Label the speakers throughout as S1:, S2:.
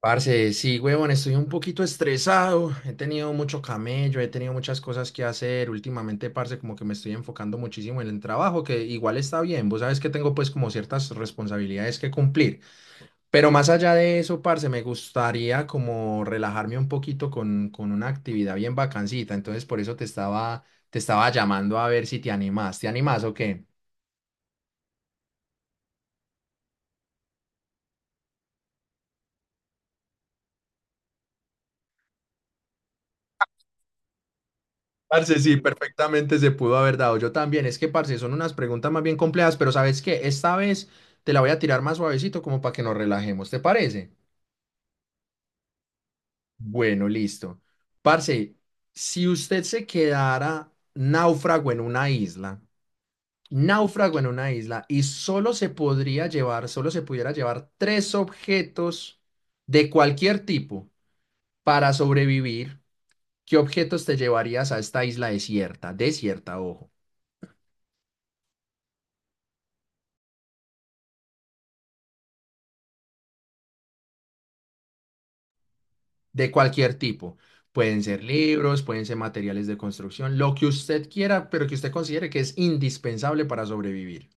S1: Parce, sí, huevón, estoy un poquito estresado. He tenido mucho camello, he tenido muchas cosas que hacer. Últimamente, parce, como que me estoy enfocando muchísimo en el trabajo, que igual está bien. Vos sabes que tengo pues como ciertas responsabilidades que cumplir. Pero más allá de eso, parce, me gustaría como relajarme un poquito con una actividad bien bacancita. Entonces, por eso te estaba llamando a ver si te animás. ¿Te animás o qué? Parce, sí, perfectamente se pudo haber dado. Yo también. Es que, parce, son unas preguntas más bien complejas, pero ¿sabes qué? Esta vez te la voy a tirar más suavecito como para que nos relajemos. ¿Te parece? Bueno, listo. Parce, si usted se quedara náufrago en una isla, náufrago en una isla, y solo se pudiera llevar tres objetos de cualquier tipo para sobrevivir, ¿qué objetos te llevarías a esta isla desierta? Desierta, ojo. De cualquier tipo. Pueden ser libros, pueden ser materiales de construcción, lo que usted quiera, pero que usted considere que es indispensable para sobrevivir.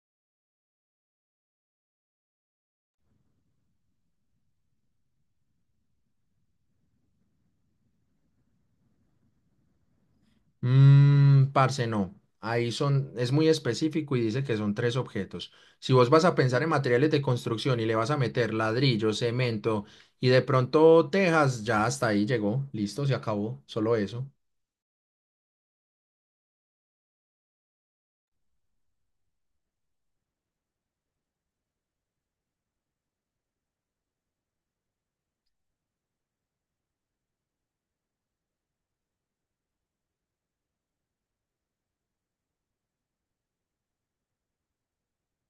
S1: Parce, no. Es muy específico y dice que son tres objetos. Si vos vas a pensar en materiales de construcción y le vas a meter ladrillo, cemento y de pronto tejas, ya hasta ahí llegó, listo, se acabó, solo eso.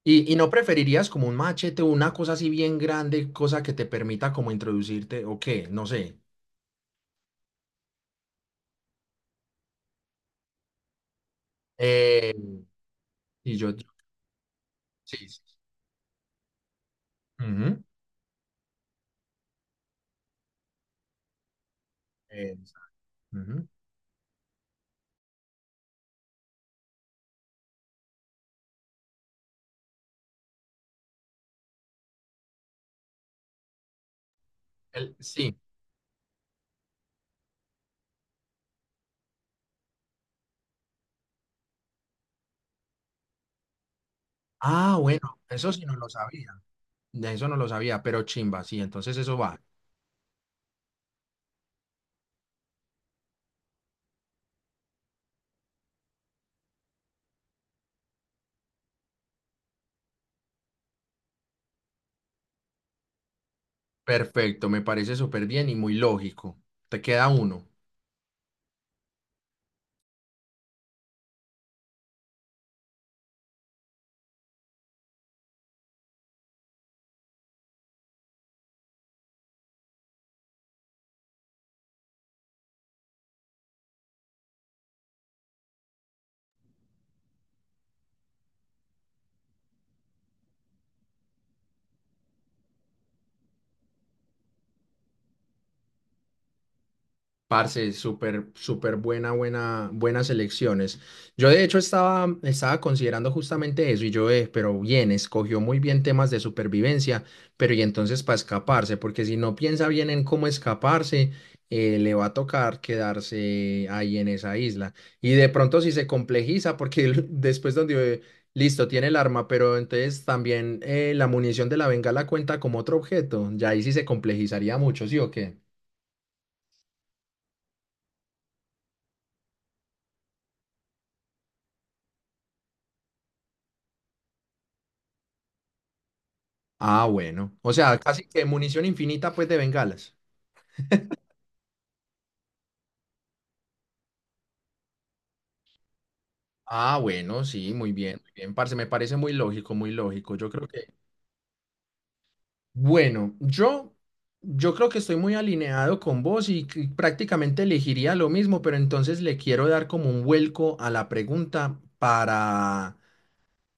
S1: ¿Y no preferirías como un machete o una cosa así bien grande, cosa que te permita como introducirte o qué? No sé. Eh, Y yo, yo- sí, sí. Ujú. Eh, ujú. Sí. Ah, bueno, eso sí no lo sabía. De eso no lo sabía, pero chimba, sí, entonces eso va. Perfecto, me parece súper bien y muy lógico. Te queda uno. Parce, súper buena, buena, buenas elecciones. Yo de hecho estaba considerando justamente eso y yo, pero bien, escogió muy bien temas de supervivencia, pero y entonces para escaparse, porque si no piensa bien en cómo escaparse, le va a tocar quedarse ahí en esa isla. Y de pronto si se complejiza, porque listo, tiene el arma, pero entonces también la munición de la bengala cuenta como otro objeto, ya ahí sí se complejizaría mucho, ¿sí o qué? Ah, bueno. O sea, casi que munición infinita, pues, de bengalas. Ah, bueno, sí, muy bien, parce. Me parece muy lógico, muy lógico. Bueno, yo, yo creo que estoy muy alineado con vos que prácticamente elegiría lo mismo, pero entonces le quiero dar como un vuelco a la pregunta para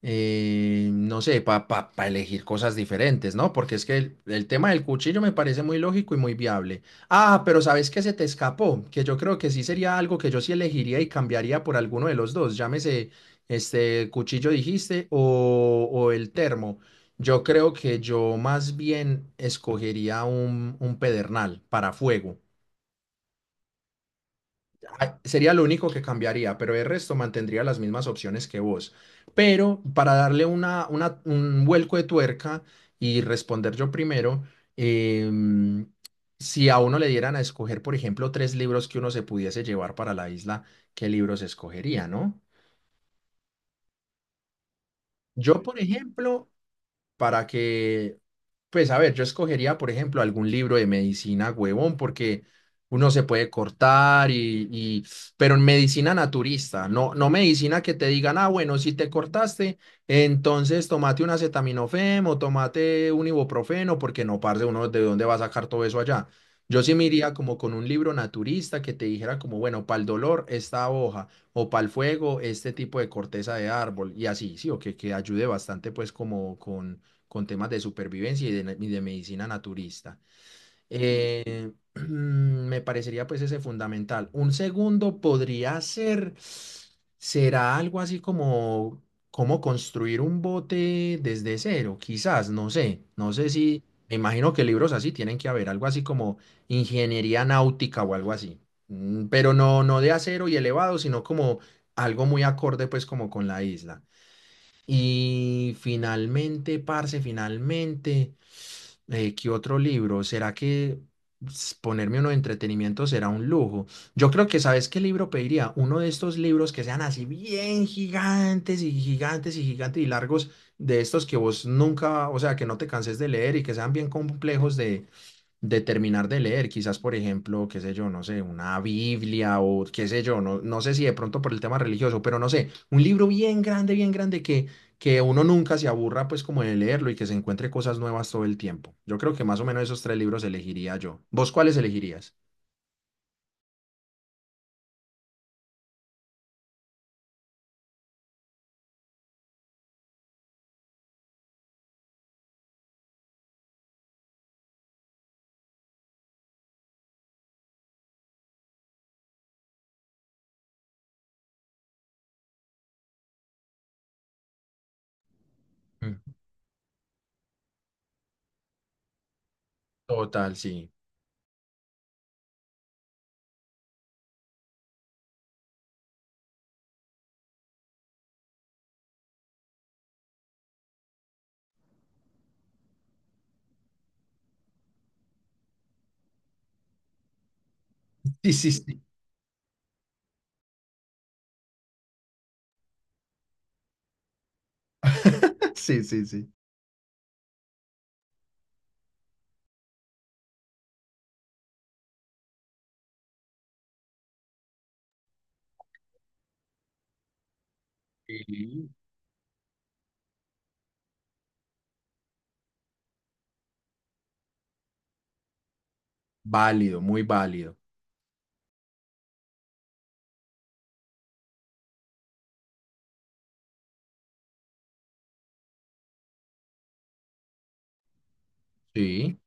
S1: no sé, para elegir cosas diferentes, ¿no? Porque es que el tema del cuchillo me parece muy lógico y muy viable. Ah, pero ¿sabes qué se te escapó? Que yo creo que sí sería algo que yo sí elegiría y cambiaría por alguno de los dos, llámese este cuchillo dijiste o el termo. Yo creo que yo más bien escogería un pedernal para fuego. Ah, sería lo único que cambiaría, pero el resto mantendría las mismas opciones que vos. Pero para darle un vuelco de tuerca y responder yo primero, em, si a uno le dieran a escoger, por ejemplo, tres libros que uno se pudiese llevar para la isla, ¿qué libros escogería, no? Yo, por ejemplo, para que, pues a ver, yo escogería, por ejemplo, algún libro de medicina, huevón, porque uno se puede cortar pero en medicina naturista, no, no medicina que te digan, ah, bueno, si te cortaste, entonces tomate un acetaminofén o tomate un ibuprofeno, porque no, parce, uno de dónde va a sacar todo eso allá. Yo sí me iría como con un libro naturista que te dijera como, bueno, para el dolor esta hoja o para el fuego este tipo de corteza de árbol y así, sí, que ayude bastante pues como con temas de supervivencia y de medicina naturista. Eh, me parecería pues ese fundamental. Un segundo podría ser, será algo así como cómo construir un bote desde cero, quizás, no sé, no sé si, me imagino que libros así tienen que haber, algo así como ingeniería náutica o algo así. Pero no, no de acero y elevado, sino como algo muy acorde pues como con la isla. Y finalmente, parce, finalmente ¿qué otro libro? ¿Será que ponerme uno de entretenimiento será un lujo? Yo creo que, ¿sabes qué libro pediría? Uno de estos libros que sean así bien gigantes y gigantes y gigantes y largos, de estos que vos nunca, o sea, que no te canses de leer y que sean bien complejos de terminar de leer, quizás por ejemplo, qué sé yo, no sé, una Biblia o qué sé yo, no, no sé si de pronto por el tema religioso, pero no sé, un libro bien grande que uno nunca se aburra pues como de leerlo y que se encuentre cosas nuevas todo el tiempo. Yo creo que más o menos esos tres libros elegiría yo. ¿Vos cuáles elegirías? Mm, Total, sí. Sí, sí, sí. Sí, sí, sí. Sí. Válido, muy válido. Sí.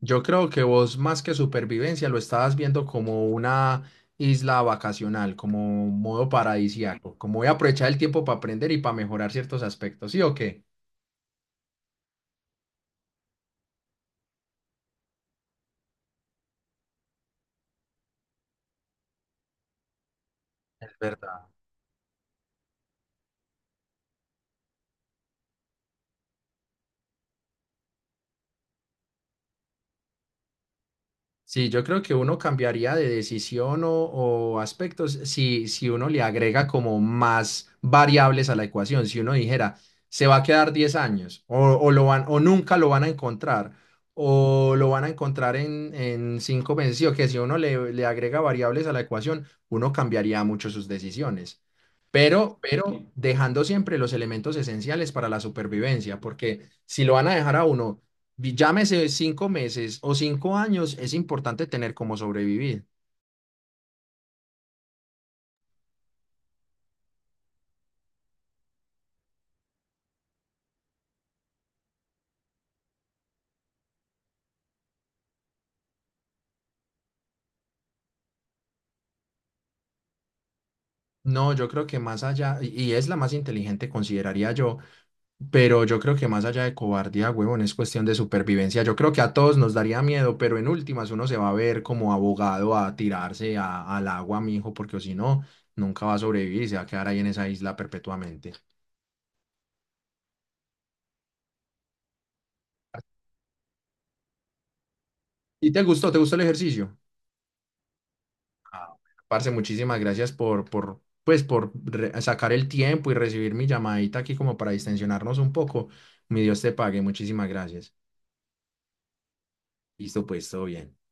S1: Yo creo que vos más que supervivencia lo estabas viendo como una isla vacacional, como un modo paradisíaco, como voy a aprovechar el tiempo para aprender y para mejorar ciertos aspectos, ¿sí o qué? Es verdad. Sí, yo creo que uno cambiaría de decisión o aspectos si uno le agrega como más variables a la ecuación. Si uno dijera, se va a quedar 10 años o nunca lo van a encontrar o lo van a encontrar en 5 meses, sí, o que si uno le, le agrega variables a la ecuación, uno cambiaría mucho sus decisiones pero dejando siempre los elementos esenciales para la supervivencia, porque si lo van a dejar a uno, llámese 5 meses o 5 años, es importante tener cómo sobrevivir. No, yo creo que más allá, y es la más inteligente, consideraría yo, pero yo creo que más allá de cobardía, huevón, es cuestión de supervivencia. Yo creo que a todos nos daría miedo, pero en últimas uno se va a ver como abogado a tirarse al agua, mijo, porque si no, nunca va a sobrevivir y se va a quedar ahí en esa isla perpetuamente. ¿Y te gustó? ¿Te gustó el ejercicio? Ah, parce, muchísimas gracias por sacar el tiempo y recibir mi llamadita aquí como para distensionarnos un poco. Mi Dios te pague, muchísimas gracias. Listo, pues, todo bien.